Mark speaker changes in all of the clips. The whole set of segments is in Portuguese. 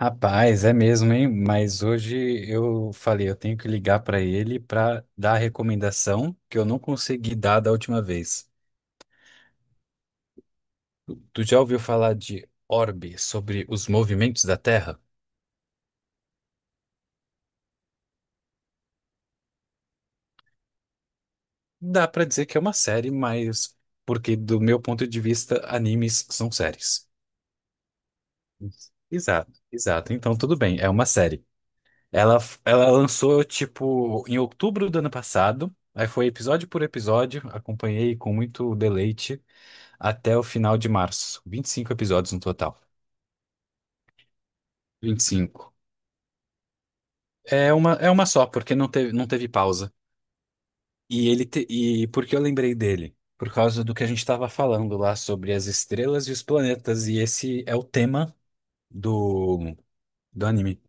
Speaker 1: Rapaz, é mesmo, hein? Mas hoje eu falei, eu tenho que ligar para ele para dar a recomendação que eu não consegui dar da última vez. Tu já ouviu falar de Orbe, sobre os movimentos da Terra? Dá para dizer que é uma série, mas porque do meu ponto de vista, animes são séries. Exato, exato. Então tudo bem, é uma série. Ela, ela lançou tipo em outubro do ano passado. Aí foi episódio por episódio, acompanhei com muito deleite até o final de março. 25 episódios no total. 25. É uma só, porque não teve pausa. E por que eu lembrei dele? Por causa do que a gente estava falando lá sobre as estrelas e os planetas. E esse é o tema do, do anime.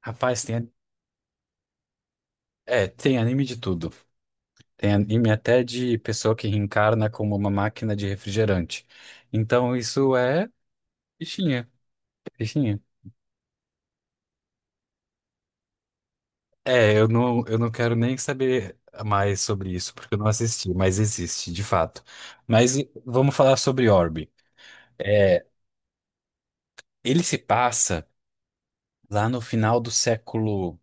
Speaker 1: Rapaz, tem anime de tudo. Tem anime até de pessoa que reencarna como uma máquina de refrigerante. Então isso é fichinha, fichinha. É, eu não quero nem saber mais sobre isso, porque eu não assisti, mas existe, de fato. Mas vamos falar sobre Orbe. É, ele se passa lá no final do século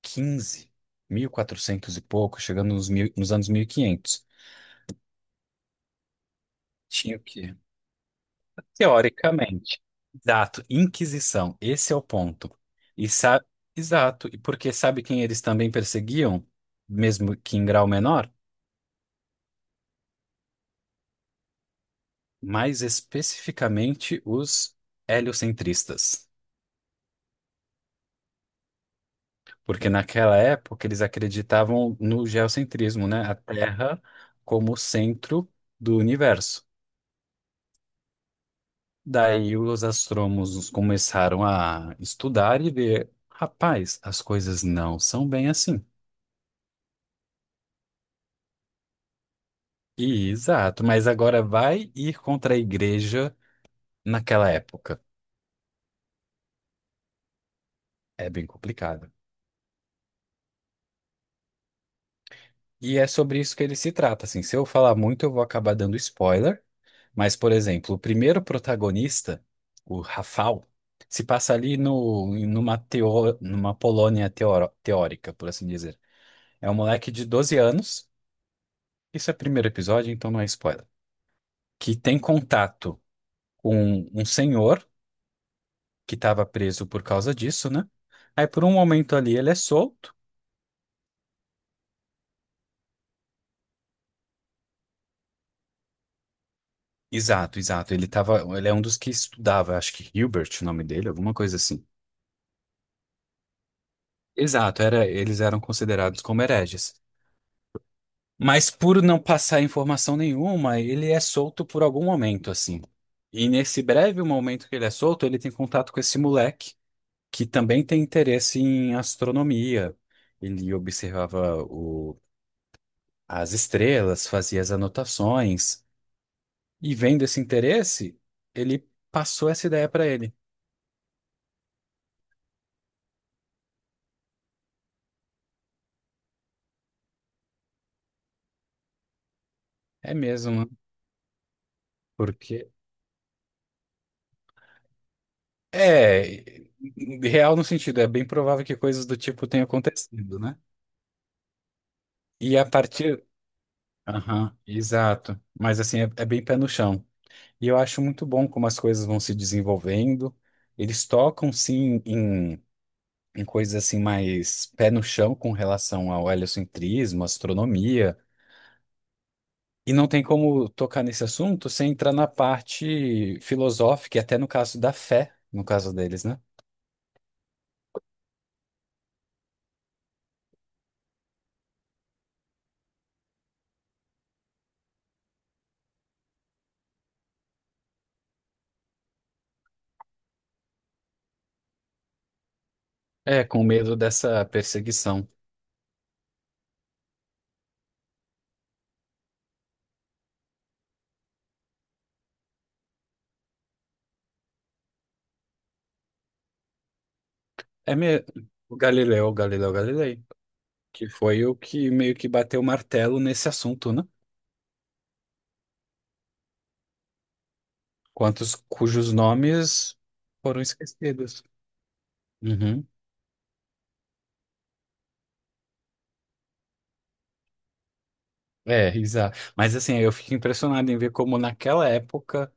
Speaker 1: XV, 1400 e quatrocentos e pouco, chegando nos, mil, nos anos 1500. Tinha o quê? Teoricamente. Exato, Inquisição, esse é o ponto. E sa- Exato, e porque sabe quem eles também perseguiam, mesmo que em grau menor? Mais especificamente os heliocentristas, porque naquela época eles acreditavam no geocentrismo, né? A Terra como centro do universo. Daí os astrônomos começaram a estudar e ver, rapaz, as coisas não são bem assim. E, exato, mas agora vai ir contra a igreja naquela época. É bem complicado. E é sobre isso que ele se trata, assim. Se eu falar muito, eu vou acabar dando spoiler. Mas, por exemplo, o primeiro protagonista, o Rafał, se passa ali no, numa, teo, numa Polônia teórica, por assim dizer. É um moleque de 12 anos, isso é primeiro episódio, então não é spoiler, que tem contato com um senhor que estava preso por causa disso, né? Aí, por um momento ali, ele é solto. Exato, exato. Ele é um dos que estudava, acho que Hilbert, o nome dele, alguma coisa assim. Exato, eles eram considerados como hereges. Mas por não passar informação nenhuma, ele é solto por algum momento, assim. E nesse breve momento que ele é solto, ele tem contato com esse moleque, que também tem interesse em astronomia. Ele observava as estrelas, fazia as anotações. E vendo esse interesse, ele passou essa ideia para ele. É mesmo, né? Porque. É, real no sentido, é bem provável que coisas do tipo tenham acontecido, né? E a partir. Aham, exato. Mas assim, é bem pé no chão. E eu acho muito bom como as coisas vão se desenvolvendo. Eles tocam, sim, em coisas assim mais pé no chão com relação ao heliocentrismo, astronomia. E não tem como tocar nesse assunto sem entrar na parte filosófica, e até no caso da fé, no caso deles, né? É, com medo dessa perseguição. É me... o Galileu, Galileu Galilei, que foi o que meio que bateu o martelo nesse assunto, né? Quantos cujos nomes foram esquecidos. Uhum. É, exato. Mas assim, eu fico impressionado em ver como naquela época,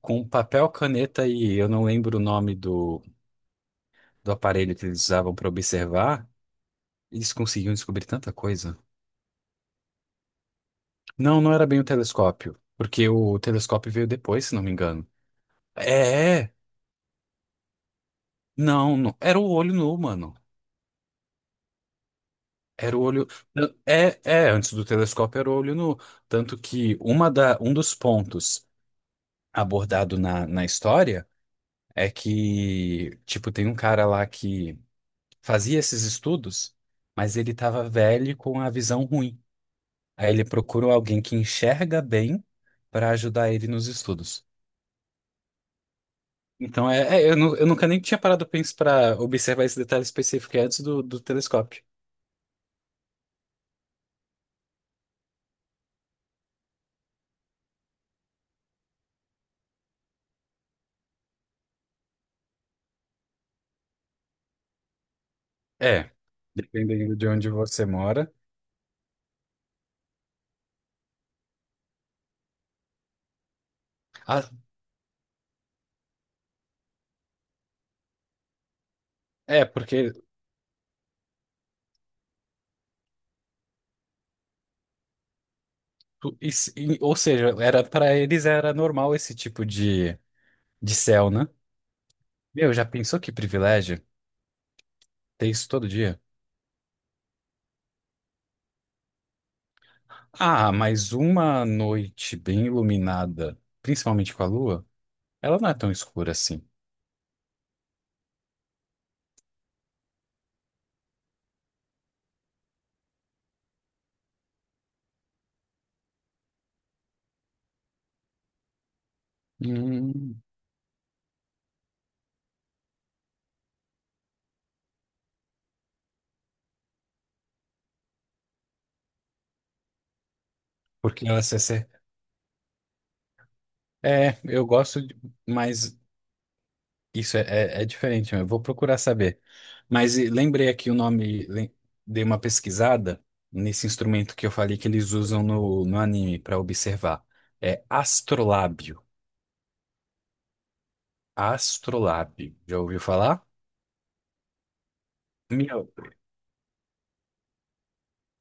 Speaker 1: com papel, caneta e eu não lembro o nome do aparelho que eles usavam para observar, eles conseguiam descobrir tanta coisa. Não, não era bem o telescópio, porque o telescópio veio depois, se não me engano. É, é. Não, não, era o olho nu, mano. Era o olho. É, é, antes do telescópio era o olho nu. Tanto que um dos pontos abordado na história é que, tipo, tem um cara lá que fazia esses estudos, mas ele tava velho com a visão ruim. Aí ele procurou alguém que enxerga bem para ajudar ele nos estudos. Então, eu nunca nem tinha parado para observar esse detalhe específico é antes do telescópio. É, dependendo de onde você mora. Ah, é, porque, ou seja, era para eles era normal esse tipo de céu, né? Meu, já pensou que privilégio ter isso todo dia? Ah, mas uma noite bem iluminada, principalmente com a lua, ela não é tão escura assim. Hum, porque ela se, se- É, eu gosto, de- mas isso é diferente. Eu vou procurar saber. Mas e, lembrei aqui o nome, dei uma pesquisada nesse instrumento que eu falei que eles usam no anime para observar. É astrolábio. Astrolábio. Já ouviu falar? Meu.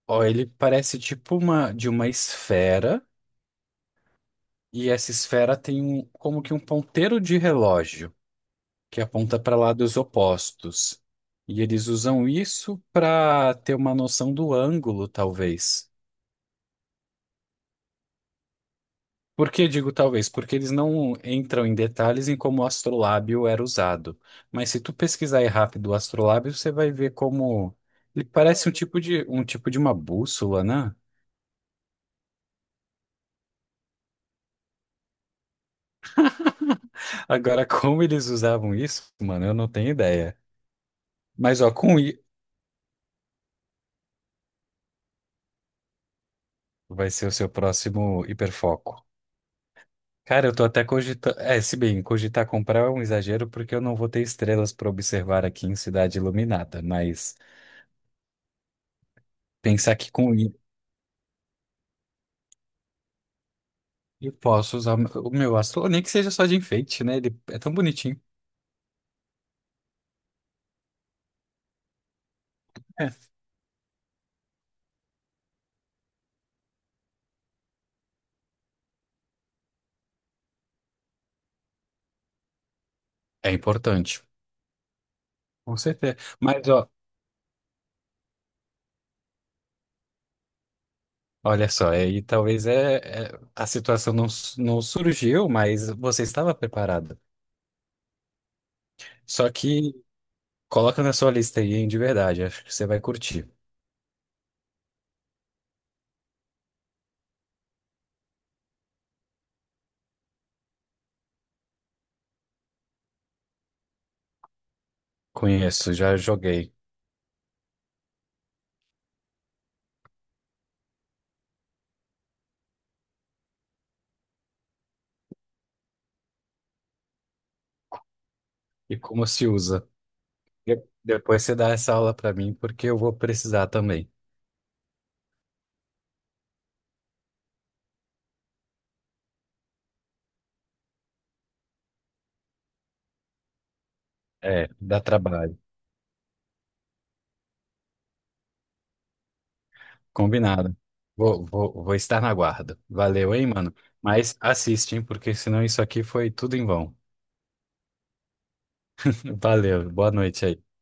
Speaker 1: Ó, ele parece tipo uma de uma esfera, e essa esfera tem um, como que um ponteiro de relógio que aponta para lados opostos. E eles usam isso para ter uma noção do ângulo, talvez. Por que digo talvez? Porque eles não entram em detalhes em como o astrolábio era usado. Mas se tu pesquisar aí rápido o astrolábio, você vai ver como ele parece um tipo de uma bússola, né? Agora, como eles usavam isso, mano, eu não tenho ideia. Mas ó, com I vai ser o seu próximo hiperfoco. Cara, eu tô até cogitando. É, se bem, cogitar comprar é um exagero porque eu não vou ter estrelas para observar aqui em Cidade Iluminada, mas pensar que com I eu posso usar o meu astro, nem que seja só de enfeite, né? Ele é tão bonitinho. É, é importante, com certeza. Mas ó, olha só, aí talvez a situação não surgiu, mas você estava preparada. Só que coloca na sua lista aí, hein, de verdade, acho que você vai curtir. Conheço, já joguei. E como se usa? Depois você dá essa aula para mim, porque eu vou precisar também. É, dá trabalho. Combinado. Vou estar na guarda. Valeu, hein, mano? Mas assiste, hein, porque senão isso aqui foi tudo em vão. Valeu, boa noite aí.